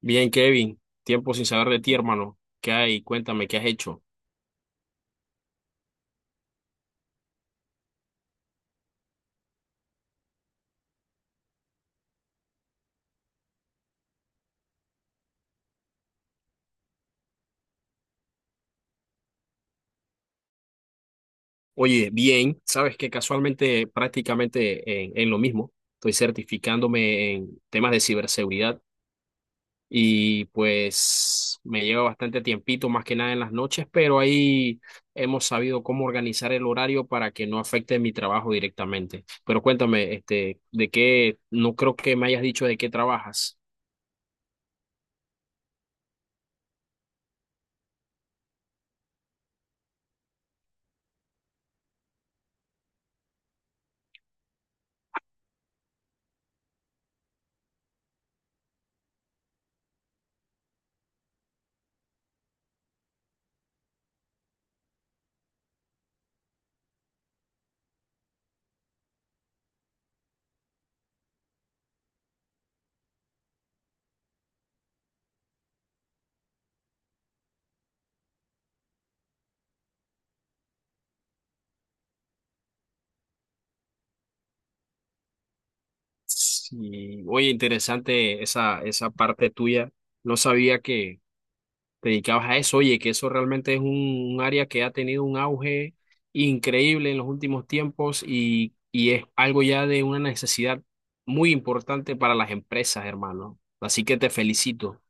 Bien, Kevin, tiempo sin saber de ti, hermano. ¿Qué hay? Cuéntame, ¿qué has hecho? Oye, bien, sabes que casualmente prácticamente en lo mismo, estoy certificándome en temas de ciberseguridad, y pues me lleva bastante tiempito, más que nada en las noches, pero ahí hemos sabido cómo organizar el horario para que no afecte mi trabajo directamente. Pero cuéntame, este, ¿de qué? No creo que me hayas dicho de qué trabajas. Sí. Oye, interesante esa parte tuya. No sabía que te dedicabas a eso. Oye, que eso realmente es un área que ha tenido un auge increíble en los últimos tiempos y es algo ya de una necesidad muy importante para las empresas, hermano. Así que te felicito,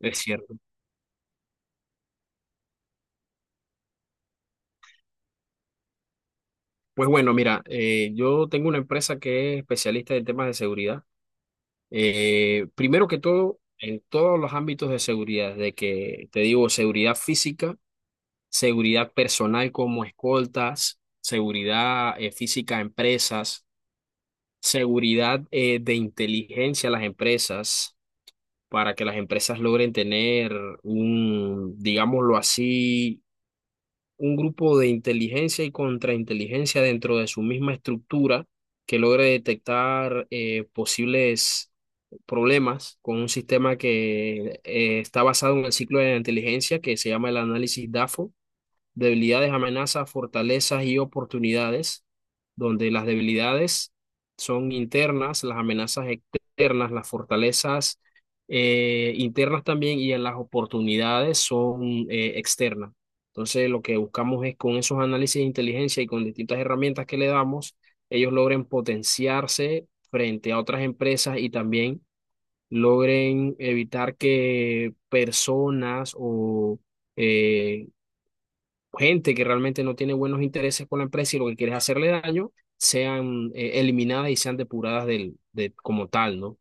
es cierto. Pues bueno, mira, yo tengo una empresa que es especialista en temas de seguridad. Primero que todo, en todos los ámbitos de seguridad, de que te digo, seguridad física, seguridad personal como escoltas, seguridad física a empresas, seguridad de inteligencia a las empresas, para que las empresas logren tener digámoslo así, un grupo de inteligencia y contrainteligencia dentro de su misma estructura que logre detectar posibles problemas con un sistema que está basado en el ciclo de la inteligencia que se llama el análisis DAFO: debilidades, amenazas, fortalezas y oportunidades, donde las debilidades son internas, las amenazas externas, las fortalezas internas también y en las oportunidades son externas. Entonces, lo que buscamos es con esos análisis de inteligencia y con distintas herramientas que le damos, ellos logren potenciarse frente a otras empresas y también logren evitar que personas o eh, gente que realmente no tiene buenos intereses con la empresa y lo que quiere es hacerle daño, sean eliminadas y sean depuradas del, de, como tal, ¿no?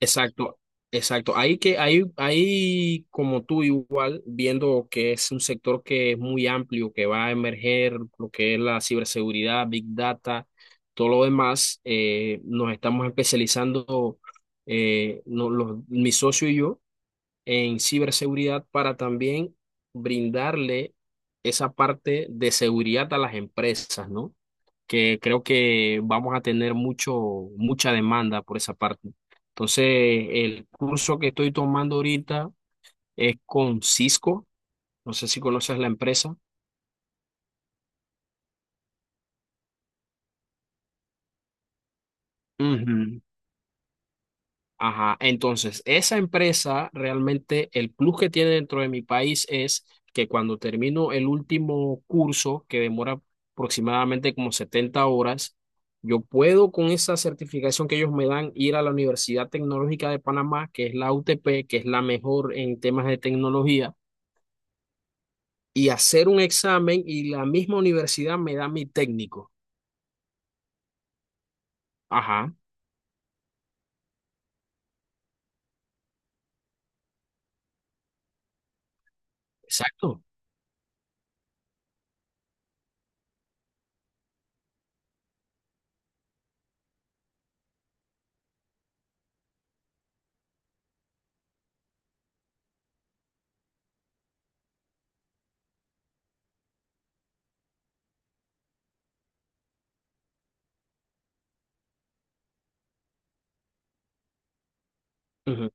Exacto, exacto. Ahí que ahí como tú igual, viendo que es un sector que es muy amplio, que va a emerger, lo que es la ciberseguridad, Big Data, todo lo demás, nos estamos especializando, mi socio y yo en ciberseguridad para también brindarle esa parte de seguridad a las empresas, ¿no? Que creo que vamos a tener mucha demanda por esa parte. Entonces, el curso que estoy tomando ahorita es con Cisco, no sé si conoces la empresa. Ujú. Ajá, entonces esa empresa realmente el plus que tiene dentro de mi país es que cuando termino el último curso, que demora aproximadamente como 70 horas, yo puedo con esa certificación que ellos me dan ir a la Universidad Tecnológica de Panamá, que es la UTP, que es la mejor en temas de tecnología, y hacer un examen y la misma universidad me da mi técnico. Ajá, exacto. Ujú.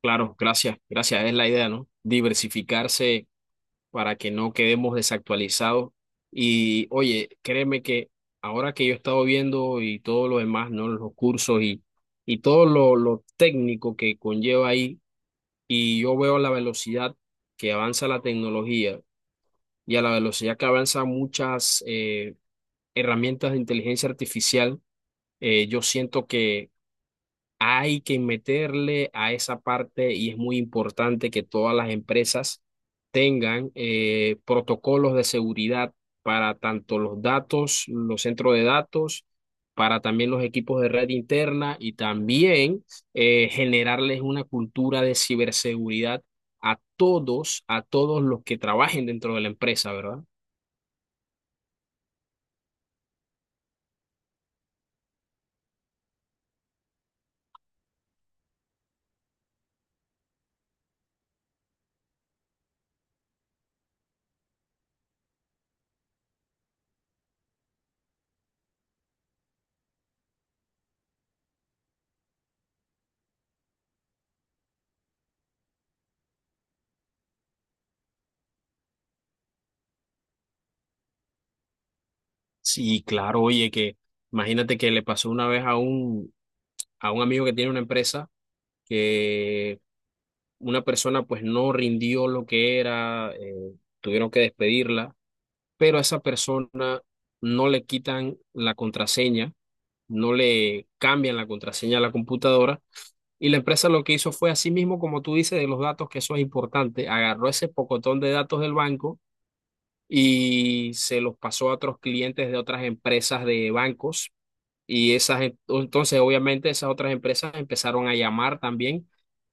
Claro, gracias, gracias, es la idea, ¿no? Diversificarse para que no quedemos desactualizados. Y oye, créeme que ahora que yo he estado viendo y todo lo demás, ¿no? Los cursos y todo lo técnico que conlleva ahí, y yo veo la velocidad que avanza la tecnología y a la velocidad que avanzan muchas herramientas de inteligencia artificial, yo siento que hay que meterle a esa parte y es muy importante que todas las empresas tengan protocolos de seguridad para tanto los datos, los centros de datos, para también los equipos de red interna y también generarles una cultura de ciberseguridad a todos los que trabajen dentro de la empresa, ¿verdad? Sí, claro, oye, que imagínate que le pasó una vez a a un amigo que tiene una empresa que una persona pues no rindió lo que era, tuvieron que despedirla, pero a esa persona no le quitan la contraseña, no le cambian la contraseña a la computadora y la empresa lo que hizo fue, así mismo como tú dices, de los datos, que eso es importante, agarró ese pocotón de datos del banco y se los pasó a otros clientes de otras empresas de bancos y esas, entonces, obviamente, esas otras empresas empezaron a llamar también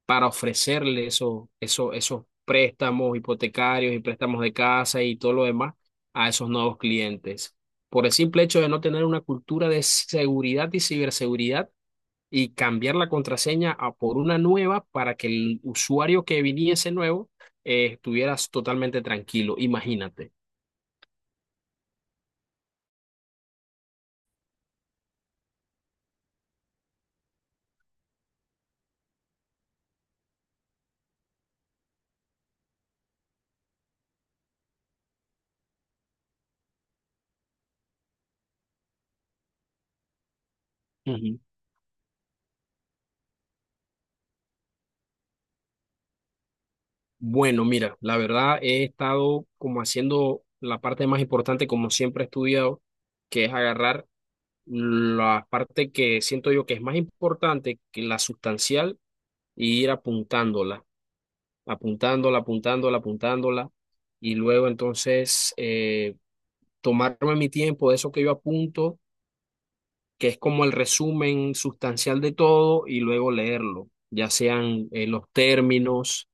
para ofrecerle esos préstamos hipotecarios y préstamos de casa y todo lo demás a esos nuevos clientes. Por el simple hecho de no tener una cultura de seguridad y ciberseguridad y cambiar la contraseña a por una nueva para que el usuario que viniese nuevo estuviera totalmente tranquilo, imagínate. Bueno, mira, la verdad he estado como haciendo la parte más importante, como siempre he estudiado, que es agarrar la parte que siento yo que es más importante que la sustancial y ir apuntándola, apuntándola, apuntándola, apuntándola, y luego entonces tomarme mi tiempo de eso que yo apunto, que es como el resumen sustancial de todo, y luego leerlo, ya sean los términos,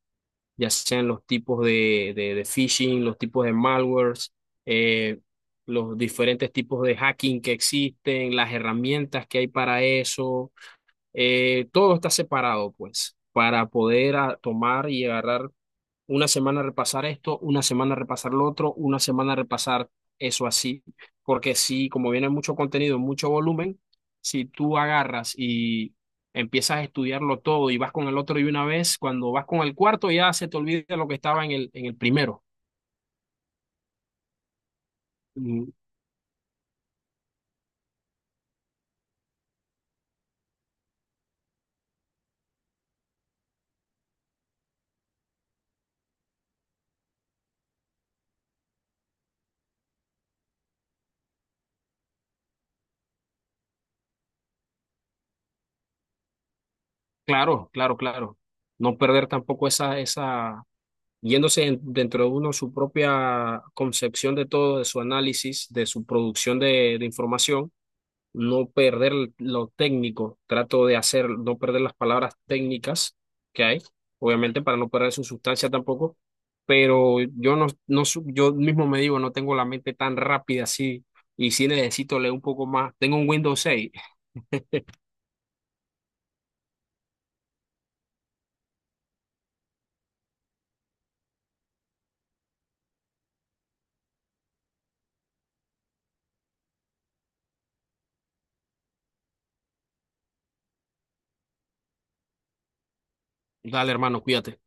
ya sean los tipos de phishing, los tipos de malwares, eh, los diferentes tipos de hacking que existen, las herramientas que hay para eso, todo está separado, pues, para poder tomar y agarrar una semana repasar esto, una semana repasar lo otro, una semana repasar eso así, porque si como viene mucho contenido, mucho volumen, si tú agarras y empiezas a estudiarlo todo y vas con el otro y una vez, cuando vas con el cuarto ya se te olvida lo que estaba en el primero. Mm. Claro, claro, claro. No perder tampoco esa, esa, yéndose dentro de uno su propia concepción de todo, de su análisis, de su producción de información, no perder lo técnico, trato de hacer, no perder las palabras técnicas que hay, obviamente para no perder su sustancia tampoco, pero yo no, no, yo mismo me digo, no tengo la mente tan rápida así, y sí necesito leer un poco más. Tengo un Windows 6. Dale, hermano, cuídate.